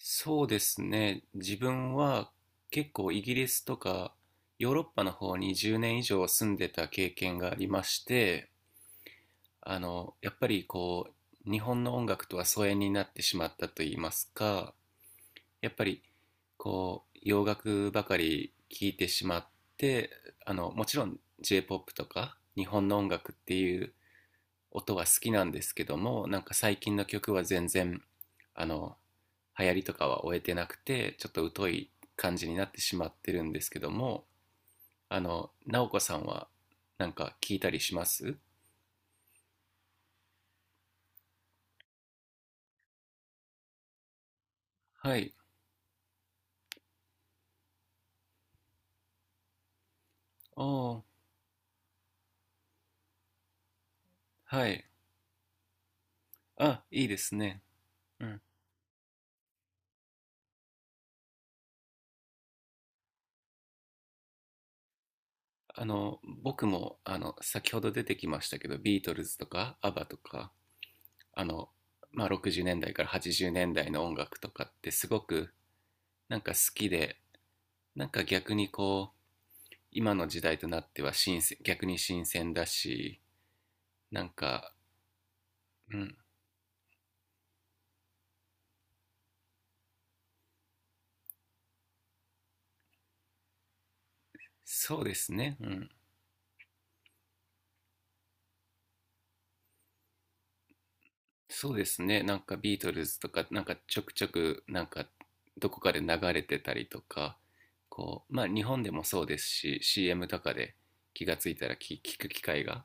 そうですね。自分は結構イギリスとかヨーロッパの方に10年以上住んでた経験がありまして、やっぱりこう、日本の音楽とは疎遠になってしまったと言いますか、やっぱりこう、洋楽ばかり聴いてしまって、もちろん J-POP とか日本の音楽っていう音は好きなんですけども、なんか最近の曲は全然あの流行りとかは終えてなくて、ちょっと疎い感じになってしまってるんですけども。直子さんはなんか聞いたりしますはい。おー。はい。あ、いいですね。うん。僕も先ほど出てきましたけど、ビートルズとかアバとか、あのまあ、60年代から80年代の音楽とかってすごくなんか好きで、なんか逆にこう、今の時代となっては新鮮、逆に新鮮だし、なんか、うん。そうですね、うん。そうですね。なんかビートルズとかなんかちょくちょくなんかどこかで流れてたりとか、こう、まあ日本でもそうですし、 CM とかで気がついたら聞く機会が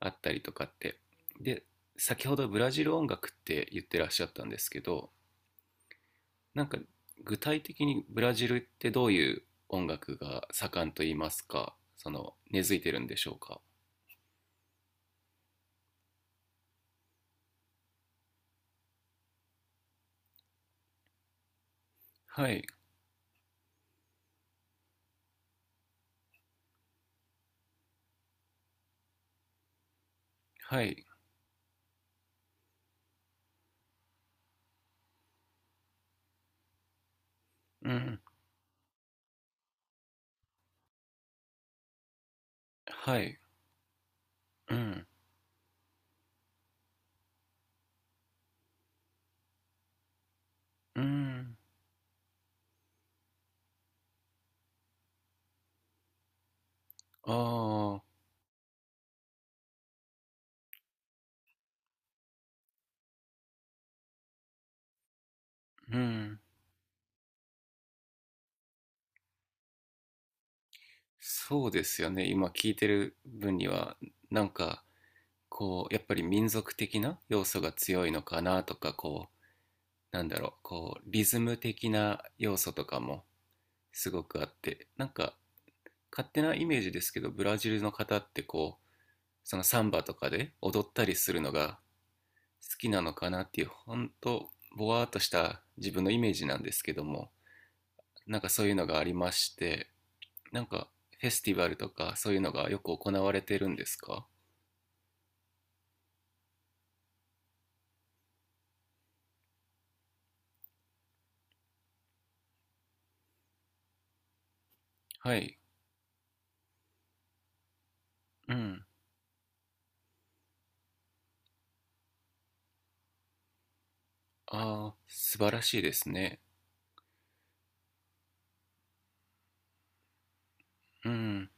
あったりとかって、で、先ほどブラジル音楽って言ってらっしゃったんですけど、なんか具体的にブラジルってどういう音楽が盛んと言いますか、その根付いてるんでしょうか。はい。はい。うん。はい。うん。うん。ああ。うん。そうですよね。今聞いてる分には、なんかこう、やっぱり民族的な要素が強いのかなとか、こう、なんだろう、こう、リズム的な要素とかもすごくあって、なんか勝手なイメージですけど、ブラジルの方ってこう、そのサンバとかで踊ったりするのが好きなのかなっていう、本当ぼわーっとした自分のイメージなんですけども、なんかそういうのがありまして、なんかフェスティバルとかそういうのがよく行われてるんですか？はい。うん。ああ、素晴らしいですね。うん。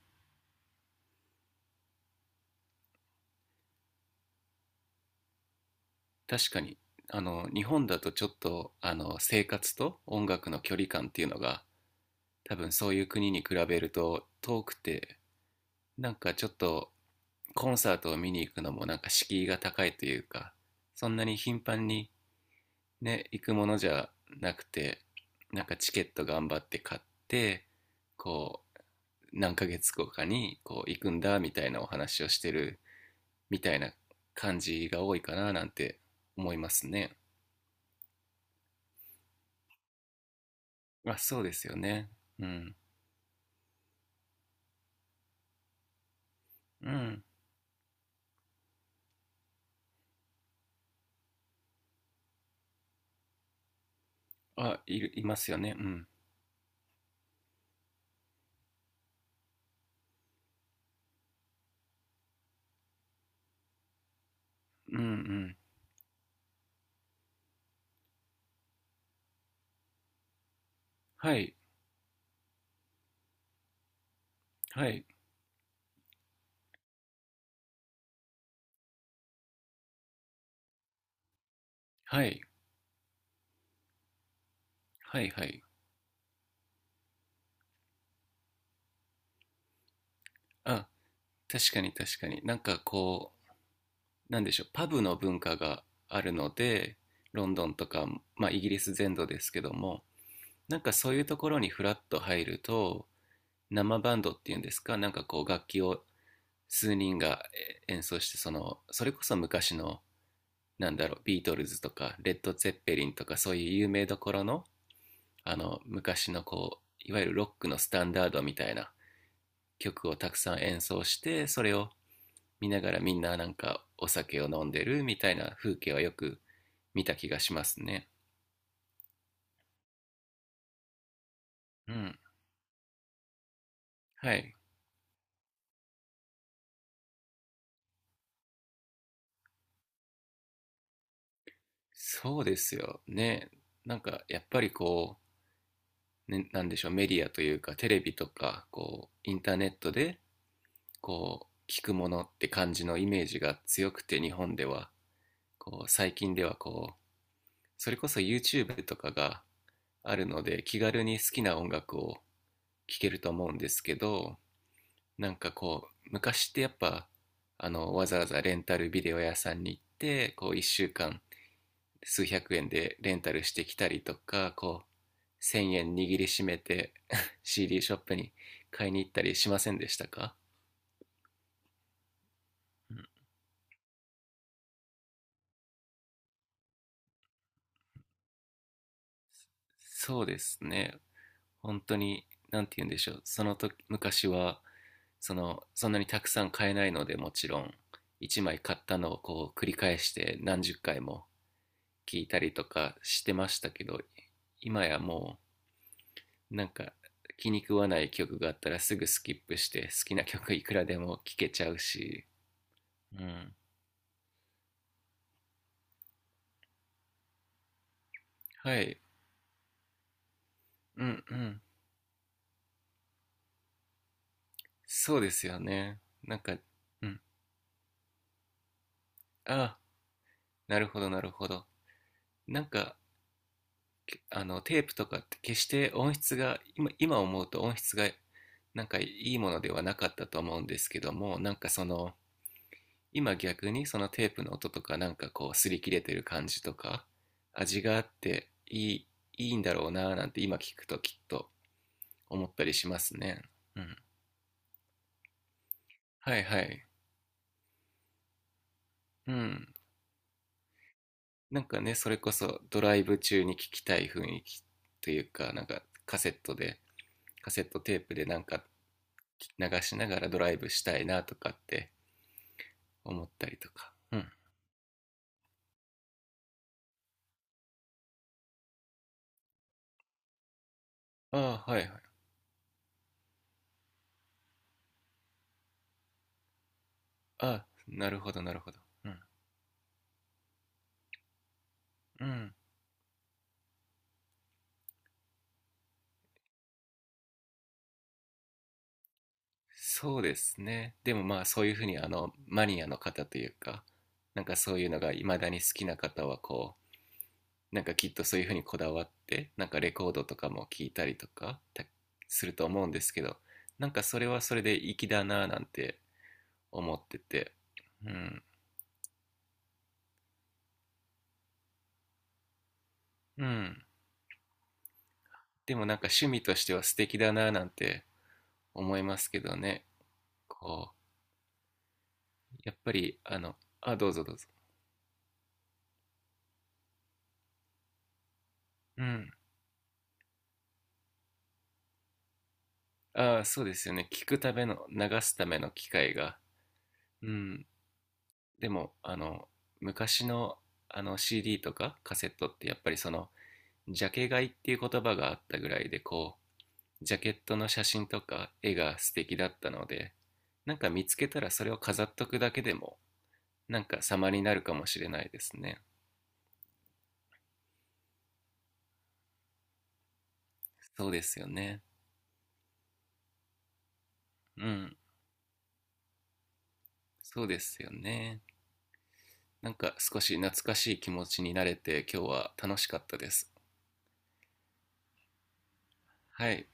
確かに。日本だとちょっと生活と音楽の距離感っていうのが、多分そういう国に比べると遠くて、なんかちょっとコンサートを見に行くのもなんか敷居が高いというか、そんなに頻繁にね行くものじゃなくて、なんかチケット頑張って買って、こう、何ヶ月後かにこう行くんだみたいなお話をしてるみたいな感じが多いかななんて思いますね。あ、そうですよね。うん。うん。あ、いるいますよね。うん。うんうん。はい。はい。はい。はいはい。あ、確かに確かに。なんかこう、なんでしょう、パブの文化があるので、ロンドンとか、まあ、イギリス全土ですけども、なんかそういうところにフラッと入ると、生バンドっていうんですか、なんかこう楽器を数人が演奏して、そのそれこそ昔の、なんだろう、ビートルズとかレッド・ツェッペリンとかそういう有名どころの、昔のこういわゆるロックのスタンダードみたいな曲をたくさん演奏して、それを見ながらみんななんかお酒を飲んでるみたいな風景はよく見た気がしますね。うん。はい。そうですよね。なんかやっぱりこう、ね、なんでしょう、メディアというかテレビとか、こう、インターネットで、こう、聞くものって感じのイメージが強くて日本では、こう、最近ではこう、それこそ YouTube とかがあるので気軽に好きな音楽を聴けると思うんですけど、なんかこう、昔ってやっぱ、わざわざレンタルビデオ屋さんに行って、こう、1週間数百円でレンタルしてきたりとか、こう、1,000円握りしめて CD ショップに買いに行ったりしませんでしたか？うん。そうですね。本当に。何て言うんでしょう、その時昔は、そのそんなにたくさん買えないのでもちろん1枚買ったのをこう繰り返して何十回も聞いたりとかしてましたけど、今やもうなんか気に食わない曲があったらすぐスキップして好きな曲いくらでも聴けちゃうし。うん。はい。うんうん。そうですよね。なんか、うん。ああ、なるほど、なるほど。なんか、けあの、テープとかって決して音質が、今思うと音質が、なんかいいものではなかったと思うんですけども、なんかその、今逆にそのテープの音とか、なんかこう、擦り切れてる感じとか、味があっていい、いいんだろうなぁなんて今聞くときっと思ったりしますね。うん。はいはい。うん。なんかね、それこそドライブ中に聞きたい雰囲気というか、なんかカセットで、カセットテープでなんか流しながらドライブしたいなとかって思ったりとか。うん。ああ、はいはい。ああ、なるほど、なるほど。うん。うん。そうですね。でもまあそういうふうに、マニアの方というか、なんかそういうのが未だに好きな方はこう、なんかきっとそういうふうにこだわってなんかレコードとかも聞いたりとかすると思うんですけど、なんかそれはそれで粋だなぁなんて思ってて。うんうん。でもなんか趣味としては素敵だなぁなんて思いますけどね。こうやっぱりあ、どうぞどうぞ。うん。ああ、そうですよね、聞くための流すための機会が。うん。でも、昔のCD とかカセットってやっぱりその、ジャケ買いっていう言葉があったぐらいで、こうジャケットの写真とか絵が素敵だったので、なんか見つけたらそれを飾っとくだけでもなんか様になるかもしれないですね。そうですよね。うん。そうですよね。なんか少し懐かしい気持ちになれて今日は楽しかったです。はい。